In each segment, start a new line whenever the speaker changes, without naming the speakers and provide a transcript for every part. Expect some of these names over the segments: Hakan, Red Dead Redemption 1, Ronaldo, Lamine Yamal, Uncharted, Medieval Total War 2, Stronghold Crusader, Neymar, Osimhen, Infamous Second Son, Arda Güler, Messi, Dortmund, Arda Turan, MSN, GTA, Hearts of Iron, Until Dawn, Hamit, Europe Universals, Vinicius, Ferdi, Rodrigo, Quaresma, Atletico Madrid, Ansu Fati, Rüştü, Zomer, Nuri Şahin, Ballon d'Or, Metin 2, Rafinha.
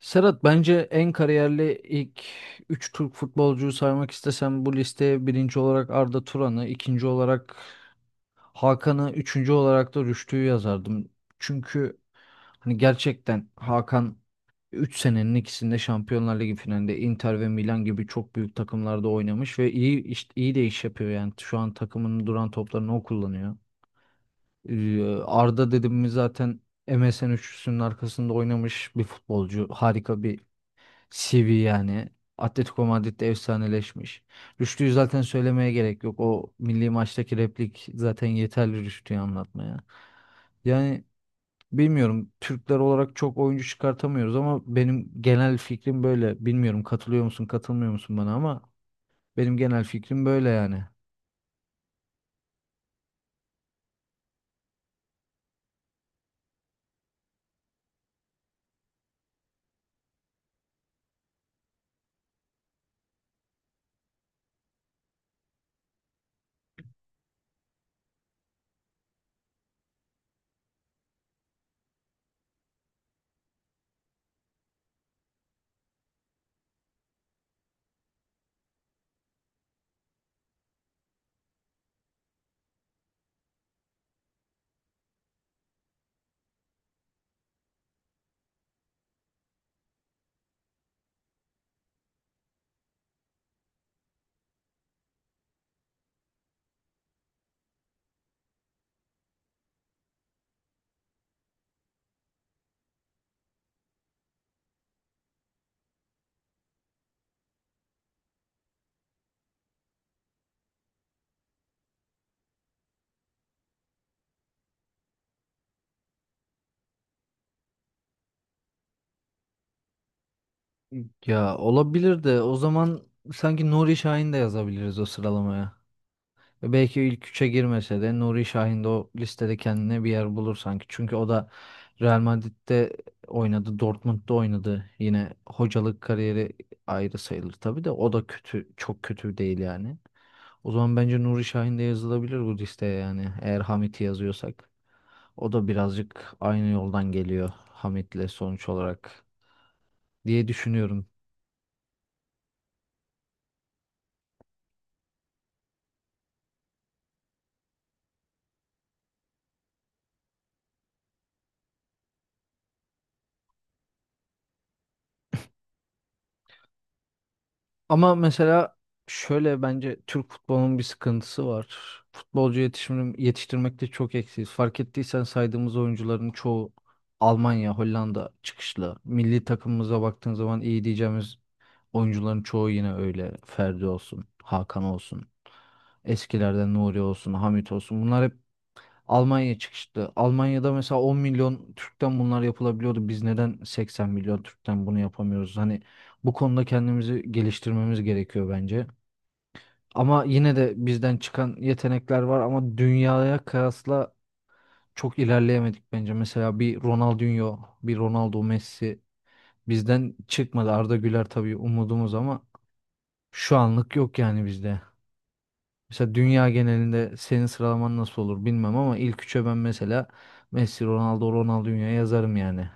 Serhat bence en kariyerli ilk 3 Türk futbolcuyu saymak istesem bu listeye birinci olarak Arda Turan'ı, ikinci olarak Hakan'ı, üçüncü olarak da Rüştü'yü yazardım. Çünkü hani gerçekten Hakan 3 senenin ikisinde Şampiyonlar Ligi finalinde Inter ve Milan gibi çok büyük takımlarda oynamış ve iyi de iş yapıyor yani. Şu an takımının duran toplarını o kullanıyor. Arda dedim mi zaten MSN üçlüsünün arkasında oynamış bir futbolcu. Harika bir CV yani. Atletico Madrid'de efsaneleşmiş. Rüştü'yü zaten söylemeye gerek yok. O milli maçtaki replik zaten yeterli Rüştü'yü anlatmaya. Yani bilmiyorum Türkler olarak çok oyuncu çıkartamıyoruz ama benim genel fikrim böyle. Bilmiyorum katılıyor musun katılmıyor musun bana ama benim genel fikrim böyle yani. Ya olabilir de o zaman sanki Nuri Şahin de yazabiliriz o sıralamaya. Ve belki ilk üçe girmese de Nuri Şahin de o listede kendine bir yer bulur sanki. Çünkü o da Real Madrid'de oynadı, Dortmund'da oynadı. Yine hocalık kariyeri ayrı sayılır tabii de o da kötü, çok kötü değil yani. O zaman bence Nuri Şahin de yazılabilir bu listeye yani eğer Hamit'i yazıyorsak. O da birazcık aynı yoldan geliyor Hamit'le sonuç olarak diye düşünüyorum. Ama mesela şöyle bence Türk futbolunun bir sıkıntısı var. Futbolcu yetişim, yetiştirmekte çok eksiyiz. Fark ettiysen saydığımız oyuncuların çoğu Almanya, Hollanda çıkışlı. Milli takımımıza baktığın zaman iyi diyeceğimiz oyuncuların çoğu yine öyle. Ferdi olsun, Hakan olsun, eskilerden Nuri olsun, Hamit olsun. Bunlar hep Almanya çıkışlı. Almanya'da mesela 10 milyon Türk'ten bunlar yapılabiliyordu. Biz neden 80 milyon Türk'ten bunu yapamıyoruz? Hani bu konuda kendimizi geliştirmemiz gerekiyor bence. Ama yine de bizden çıkan yetenekler var ama dünyaya kıyasla çok ilerleyemedik bence. Mesela bir Ronaldinho, bir Ronaldo Messi bizden çıkmadı. Arda Güler tabii umudumuz ama şu anlık yok yani bizde. Mesela dünya genelinde senin sıralaman nasıl olur bilmem ama ilk üçe ben mesela Messi, Ronaldo, Ronaldinho yazarım yani.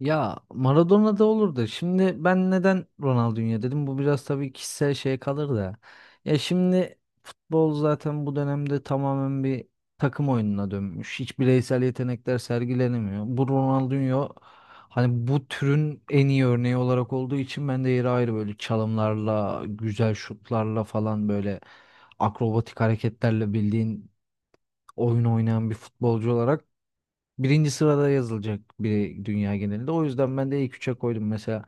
Ya Maradona da olurdu. Şimdi ben neden Ronaldinho dedim? Bu biraz tabii kişisel şeye kalır da. Ya şimdi futbol zaten bu dönemde tamamen bir takım oyununa dönmüş. Hiç bireysel yetenekler sergilenemiyor. Bu Ronaldinho hani bu türün en iyi örneği olarak olduğu için ben de yeri ayrı böyle çalımlarla, güzel şutlarla falan böyle akrobatik hareketlerle bildiğin oyun oynayan bir futbolcu olarak birinci sırada yazılacak biri dünya genelinde. O yüzden ben de ilk üçe koydum. Mesela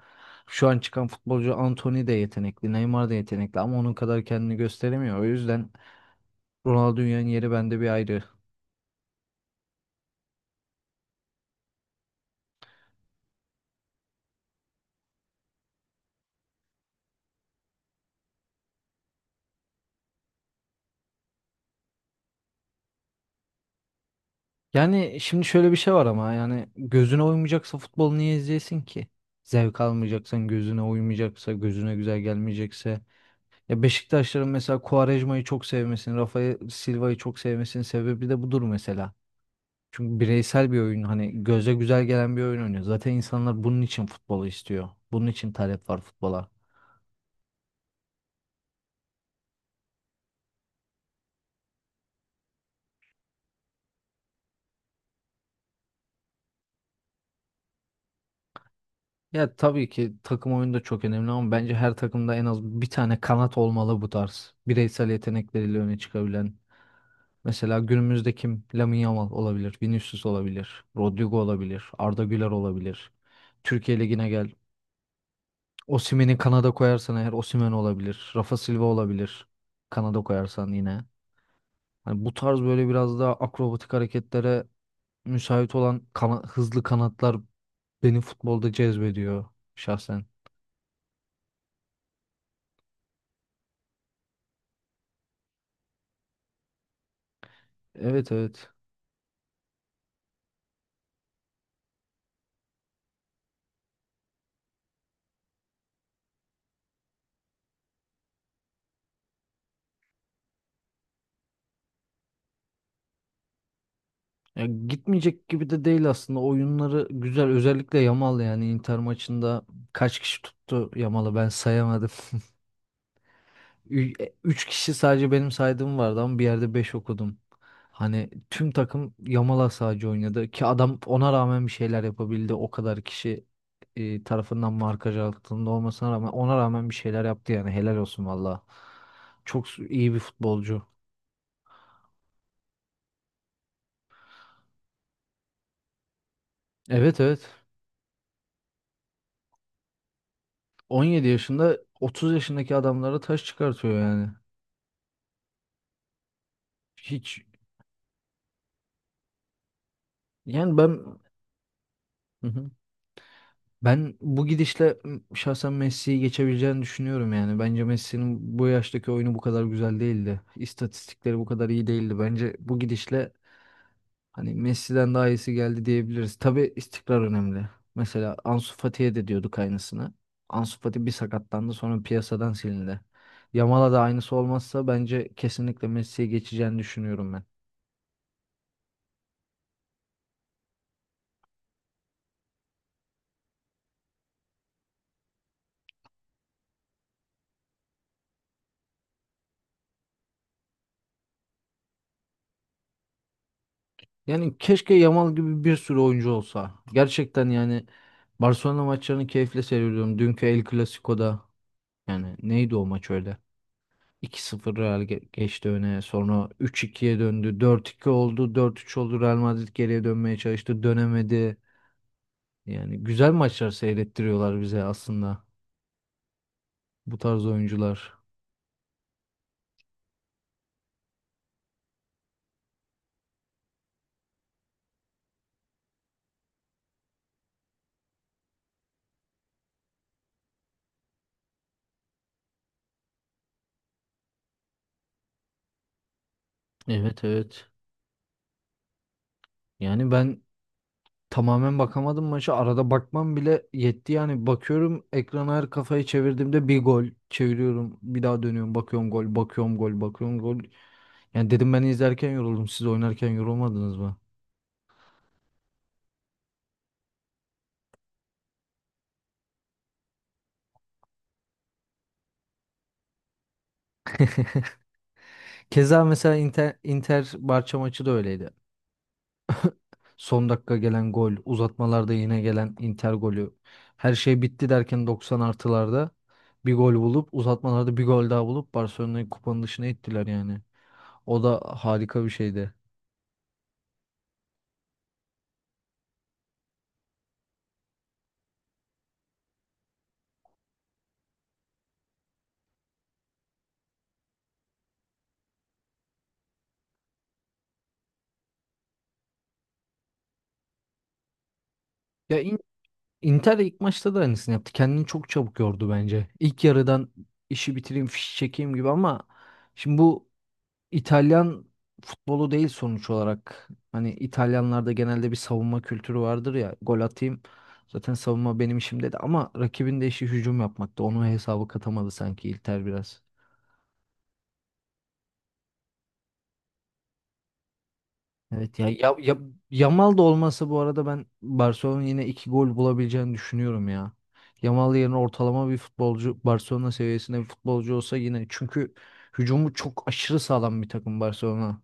şu an çıkan futbolcu Antony de yetenekli, Neymar da yetenekli ama onun kadar kendini gösteremiyor. O yüzden Ronaldinho'nun yeri bende bir ayrı. Yani şimdi şöyle bir şey var ama yani gözüne uymayacaksa futbol niye izleyesin ki? Zevk almayacaksan, gözüne uymayacaksa, gözüne güzel gelmeyecekse. Ya Beşiktaşların mesela Quaresma'yı çok sevmesinin, Rafael Silva'yı çok sevmesinin sebebi de budur mesela. Çünkü bireysel bir oyun hani göze güzel gelen bir oyun oynuyor. Zaten insanlar bunun için futbolu istiyor. Bunun için talep var futbola. Ya tabii ki takım oyunu da çok önemli ama bence her takımda en az bir tane kanat olmalı bu tarz. Bireysel yetenekleriyle öne çıkabilen. Mesela günümüzde kim? Lamine Yamal olabilir, Vinicius olabilir, Rodrigo olabilir, Arda Güler olabilir. Türkiye Ligi'ne gel. Osimhen'i Kanada koyarsan eğer Osimhen olabilir, Rafa Silva olabilir. Kanada koyarsan yine. Hani bu tarz böyle biraz daha akrobatik hareketlere müsait olan hızlı kanatlar beni futbolda cezbediyor şahsen. Evet, evet. Ya gitmeyecek gibi de değil aslında. Oyunları güzel. Özellikle Yamal yani Inter maçında kaç kişi tuttu Yamal'ı ben sayamadım. Üç kişi sadece benim saydığım vardı ama bir yerde beş okudum. Hani tüm takım Yamal sadece oynadı ki adam ona rağmen bir şeyler yapabildi. O kadar kişi tarafından markaj altında olmasına rağmen ona rağmen bir şeyler yaptı yani helal olsun valla. İyi bir futbolcu. Evet, evet. 17 yaşında 30 yaşındaki adamlara taş çıkartıyor yani. Hiç yani ben. Hı hı. Ben bu gidişle şahsen Messi'yi geçebileceğini düşünüyorum yani. Bence Messi'nin bu yaştaki oyunu bu kadar güzel değildi. İstatistikleri bu kadar iyi değildi. Bence bu gidişle hani Messi'den daha iyisi geldi diyebiliriz. Tabii istikrar önemli. Mesela Ansu Fati'ye de diyorduk aynısını. Ansu Fati bir sakatlandı sonra piyasadan silindi. Yamal'a da aynısı olmazsa bence kesinlikle Messi'ye geçeceğini düşünüyorum ben. Yani keşke Yamal gibi bir sürü oyuncu olsa. Gerçekten yani Barcelona maçlarını keyifle seyrediyorum. Dünkü El Clasico'da yani neydi o maç öyle? 2 sıfır Real geçti öne. Sonra üç ikiye döndü. 4-2 oldu. 4-3 oldu. Real Madrid geriye dönmeye çalıştı. Dönemedi. Yani güzel maçlar seyrettiriyorlar bize aslında bu tarz oyuncular. Evet, evet. Yani ben tamamen bakamadım maça. Arada bakmam bile yetti yani. Bakıyorum ekrana her kafayı çevirdiğimde bir gol çeviriyorum. Bir daha dönüyorum. Bakıyorum gol, bakıyorum gol, bakıyorum gol. Yani dedim ben izlerken yoruldum. Siz oynarken yorulmadınız mı? Keza mesela Inter, Inter Barça maçı da öyleydi. Son dakika gelen gol, uzatmalarda yine gelen Inter golü. Her şey bitti derken 90 artılarda bir gol bulup uzatmalarda bir gol daha bulup Barcelona'yı kupanın dışına ittiler yani. O da harika bir şeydi. Ya Inter ilk maçta da aynısını yaptı. Kendini çok çabuk yordu bence. İlk yarıdan işi bitireyim, fişi çekeyim gibi ama şimdi bu İtalyan futbolu değil sonuç olarak. Hani İtalyanlarda genelde bir savunma kültürü vardır ya. Gol atayım. Zaten savunma benim işim dedi ama rakibin de işi hücum yapmakta. Onu hesabı katamadı sanki Inter biraz. Evet ya, ya, ya, Yamal da olmasa bu arada ben Barcelona'nın yine iki gol bulabileceğini düşünüyorum ya. Yamal yerine ortalama bir futbolcu Barcelona seviyesinde bir futbolcu olsa yine çünkü hücumu çok aşırı sağlam bir takım Barcelona.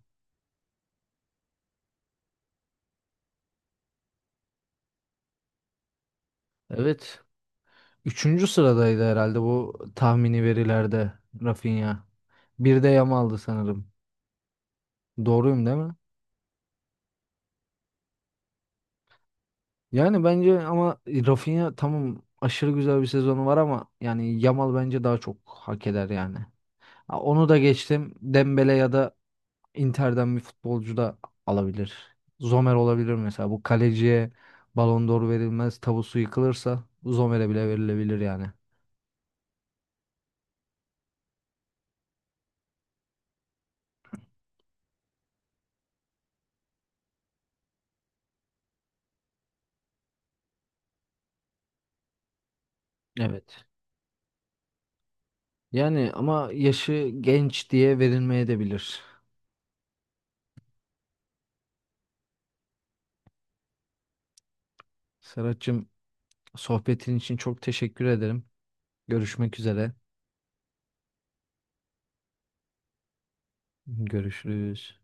Evet. Üçüncü sıradaydı herhalde bu tahmini verilerde Rafinha. Bir de Yamal'dı sanırım. Doğruyum değil mi? Yani bence ama Rafinha tamam aşırı güzel bir sezonu var ama yani Yamal bence daha çok hak eder yani. Ha, onu da geçtim. Dembele ya da Inter'den bir futbolcu da alabilir. Zomer olabilir mesela. Bu kaleciye Ballon d'Or verilmez. Tabusu yıkılırsa Zomer'e bile verilebilir yani. Evet. Yani ama yaşı genç diye verilmeye de bilir. Serhat'cığım sohbetin için çok teşekkür ederim. Görüşmek üzere. Görüşürüz.